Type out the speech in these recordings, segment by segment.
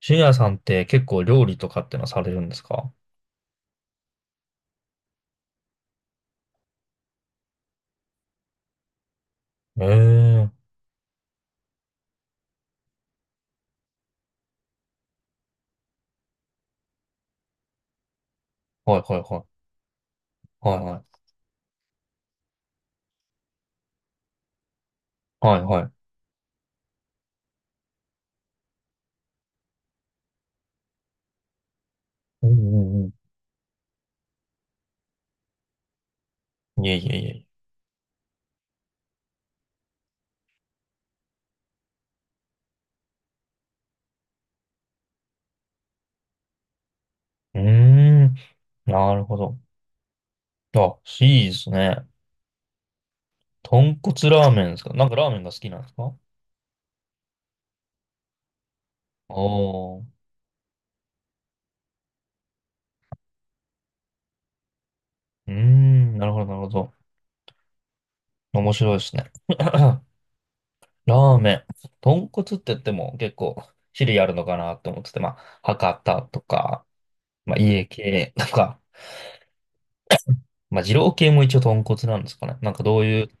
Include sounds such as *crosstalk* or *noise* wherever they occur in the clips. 深夜さんって結構料理とかってのはされるんですか？ええー、はいはいはい。はいはい。はいはい。うんうんうん。いえいえいえいえ。うーん、なるほど。あ、いいですね。豚骨ラーメンですか？なんかラーメンが好きなんですか？おー。うーん、なるほどなるほど。面白いですね。*clears throat* *coughs* ラーメン。豚骨って言っても結構種類あるのかなって思ってて、まあ、博多とか、まあ、家系とか、まあ、二郎系も一応豚骨なんですかね。なんかどういう、で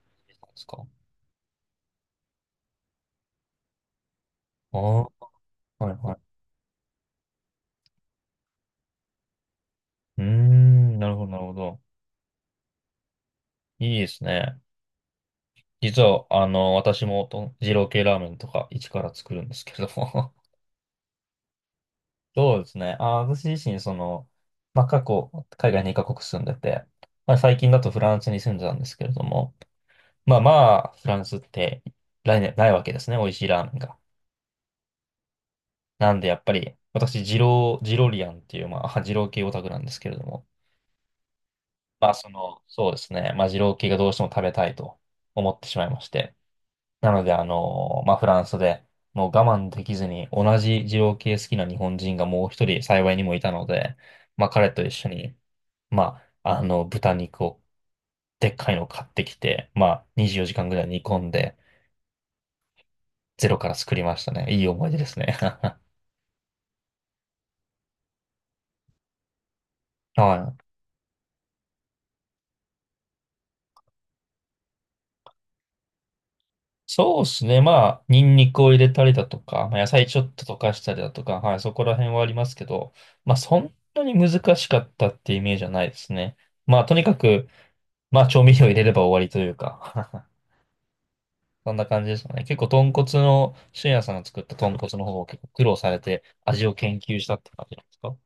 すか？ああー、はいはい。うーん、なるほど、なるほど。いいですね。実は、あの、私もと二郎系ラーメンとか一から作るんですけれども。 *laughs* そうですね。あ、私自身、その、まあ、過去、海外2カ国住んでて、まあ、最近だとフランスに住んでたんですけれども、まあまあ、フランスって来年ないわけですね。美味しいラーメンが。なんで、やっぱり、私、二郎、ジロリアンっていう、まあ、*laughs* 二郎系オタクなんですけれども、まあ、その、そうですね。まあ、二郎系がどうしても食べたいと思ってしまいまして。なので、あの、まあ、フランスで、もう我慢できずに、同じ二郎系好きな日本人がもう一人幸いにもいたので、まあ、彼と一緒に、まあ、あの、豚肉を、でっかいのを買ってきて、まあ、24時間ぐらい煮込んで、ゼロから作りましたね。いい思い出ですね。*laughs* はい。そうですね。まあ、ニンニクを入れたりだとか、まあ、野菜ちょっと溶かしたりだとか、はい、そこら辺はありますけど、まあ、そんなに難しかったってイメージはないですね。まあ、とにかく、まあ、調味料入れれば終わりというか。 *laughs* そんな感じですかね。結構、豚骨の、俊也さんが作った豚骨の方を結構苦労されて、味を研究したって感じなんですか？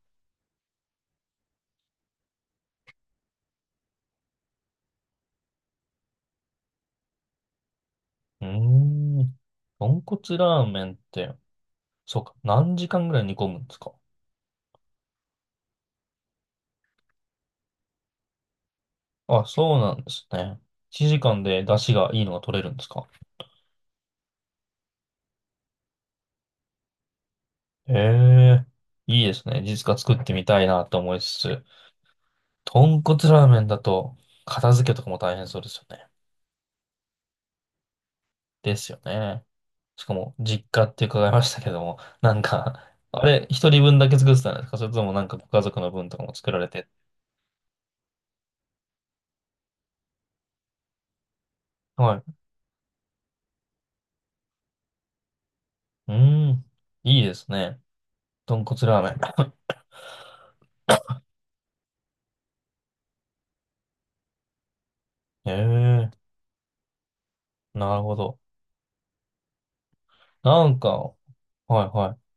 うーん。豚骨ラーメンって、そうか、何時間ぐらい煮込むんですか？あ、そうなんですね。1時間で出汁がいいのが取れるんですか？ええ、いいですね。実家作ってみたいなと思いつつ、豚骨ラーメンだと片付けとかも大変そうですよね。ですよね。しかも、実家って伺いましたけども、なんか、あれ、一人分だけ作ってたんですか？それともなんかご家族の分とかも作られて。はい。うーん、いいですね。豚骨ラーメン。*laughs* ええ、なるほど。なんか、はいはい。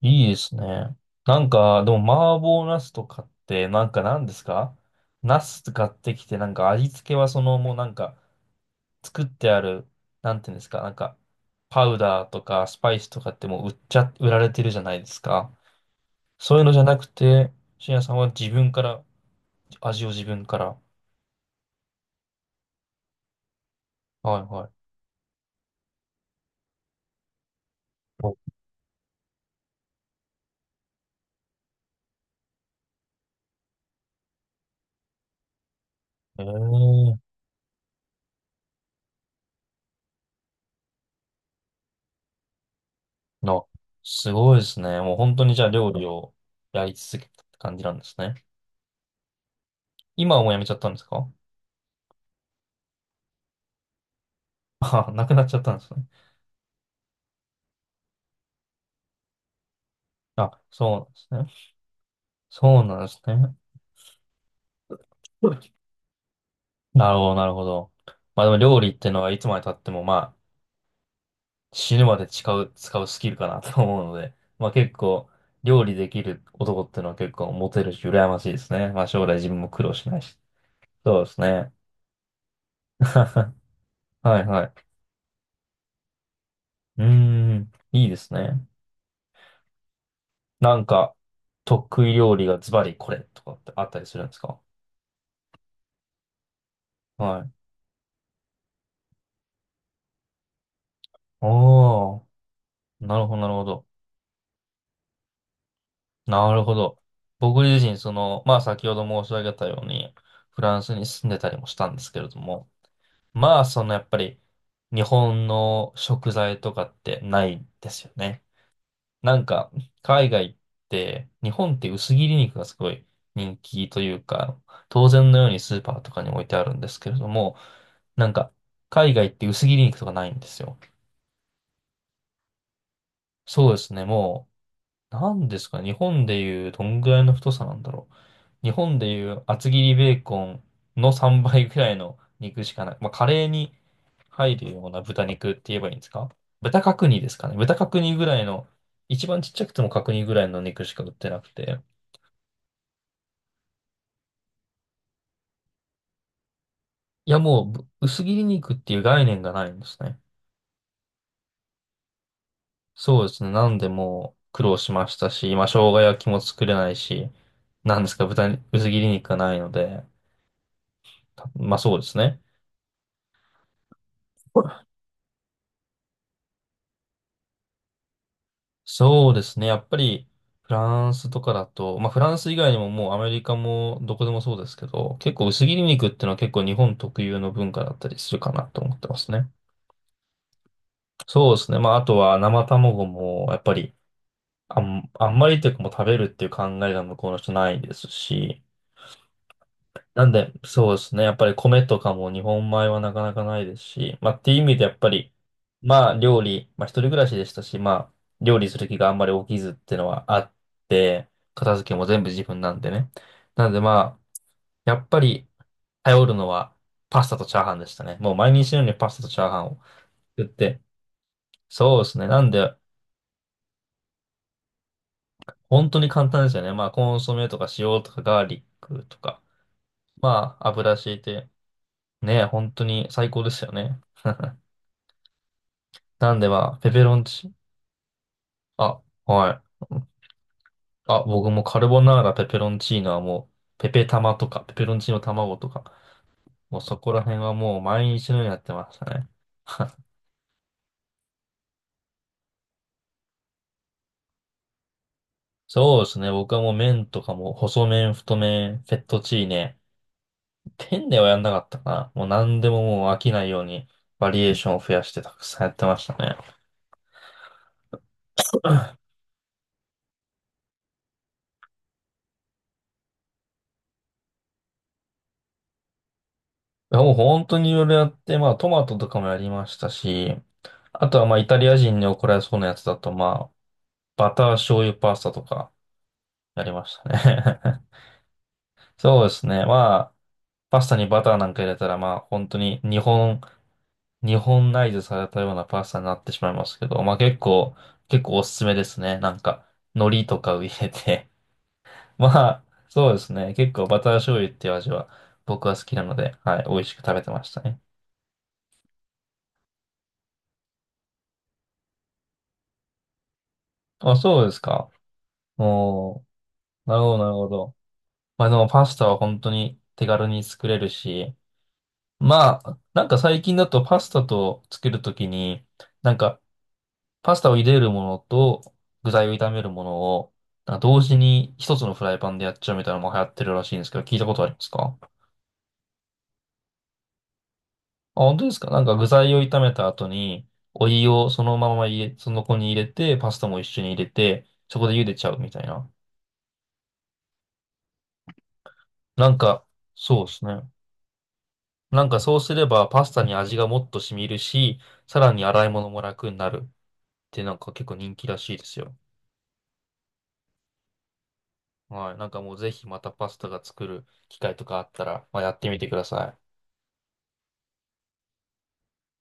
いいですね。なんか、でも、麻婆茄子とかって、なんか何ですか？茄子買ってきて、なんか味付けはその、もうなんか、作ってある、なんていうんですか、なんか、パウダーとかスパイスとかってもう売っちゃ、売られてるじゃないですか。そういうのじゃなくて、深夜さんは自分から、味を自分から。はいはい。おえー、な、すごいですね。もう本当にじゃあ料理をやり続けたって感じなんですね。今はもうやめちゃったんですか？ *laughs* あ、なくなっちゃったんですね。あ、そうなんですね。そうなんですね。*laughs* なるほど、なるほど。まあでも料理ってのはいつまで経ってもまあ死ぬまで使う、使うスキルかなと思うので、まあ結構料理できる男ってのは結構モテるし羨ましいですね。まあ将来自分も苦労しないし。そうですね。*laughs* はいはい。うーん、いいですね。なんか得意料理がズバリこれとかってあったりするんですか？はい。おー、なるほど、なるほど。なるほど。僕自身、その、まあ先ほど申し上げたように、フランスに住んでたりもしたんですけれども、まあそのやっぱり、日本の食材とかってないですよね。なんか、海外って、日本って薄切り肉がすごい人気というか、当然のようにスーパーとかに置いてあるんですけれども、なんか、海外って薄切り肉とかないんですよ。そうですね、もう、なんですかね、日本でいうどんぐらいの太さなんだろう。日本でいう厚切りベーコンの3倍ぐらいの肉しかない。まあ、カレーに入るような豚肉って言えばいいんですか？豚角煮ですかね。豚角煮ぐらいの、一番ちっちゃくても角煮ぐらいの肉しか売ってなくて。いや、もうぶ薄切り肉っていう概念がないんですね。そうですね。なんでもう苦労しましたし、まあ、生姜焼きも作れないし、なんですか、豚に、薄切り肉がないので、たまあそうですね。そうですね。やっぱり、フランスとかだと、まあ、フランス以外にももうアメリカもどこでもそうですけど、結構薄切り肉っていうのは結構日本特有の文化だったりするかなと思ってますね。そうですね。まあ、あとは生卵も、やっぱり、あん、あんまりというかもう食べるっていう考えが向こうの人ないですし、なんで、そうですね。やっぱり米とかも日本米はなかなかないですし、まあっていう意味でやっぱり、まあ料理、まあ一人暮らしでしたし、まあ料理する気があんまり起きずっていうのはあって、片付けも全部自分なんでね。なのでまあ、やっぱり頼るのはパスタとチャーハンでしたね。もう毎日のようにパスタとチャーハンを作って、そうですね。なんで、本当に簡単ですよね。まあコンソメとか塩とかガーリックとか、まあ油敷いて、ね、本当に最高ですよね。*laughs* なんでまあ、ペペロンチ、あ、はい。あ、僕もカルボナーラ、ペペロンチーノはもう、ペペ玉とか、ペペロンチーノ卵とか、もうそこら辺はもう毎日のようにやってましたね。*laughs* そうですね。僕はもう麺とかも、細麺、太麺、フェットチーネ。ペンネはやんなかったかな。もう何でももう飽きないように、バリエーションを増やしてたくさんやってましたね。いやもう本当にいろいろやって、まあトマトとかもやりましたし、あとはまあイタリア人に怒られそうなやつだとまあ、バター醤油パスタとかやりましたね。 *laughs* そうですね。まあ、パスタにバターなんか入れたら、まあ、本当に日本、日本ナイズされたようなパスタになってしまいますけど、まあ結構、結構おすすめですね。なんか、海苔とかを入れて。 *laughs* まあ、そうですね。結構バター醤油っていう味は僕は好きなので、はい、美味しく食べてましたね。あ、そうですか。おー、なるほど、なるほど。まあでもパスタは本当に手軽に作れるし、まあ、なんか最近だとパスタとつけるときに、なんかパスタを茹でるものと具材を炒めるものを、なんか同時に一つのフライパンでやっちゃうみたいなのも流行ってるらしいんですけど、聞いたことありますか？あ、本当ですか？なんか具材を炒めた後に、お湯をそのまま入れ、その子に入れて、パスタも一緒に入れて、そこで茹でちゃうみたいな。なんか、そうですね。なんかそうすればパスタに味がもっと染みるし、さらに洗い物も楽になるってなんか結構人気らしいですよ。はい。なんかもうぜひまたパスタが作る機会とかあったら、まあ、やってみてください。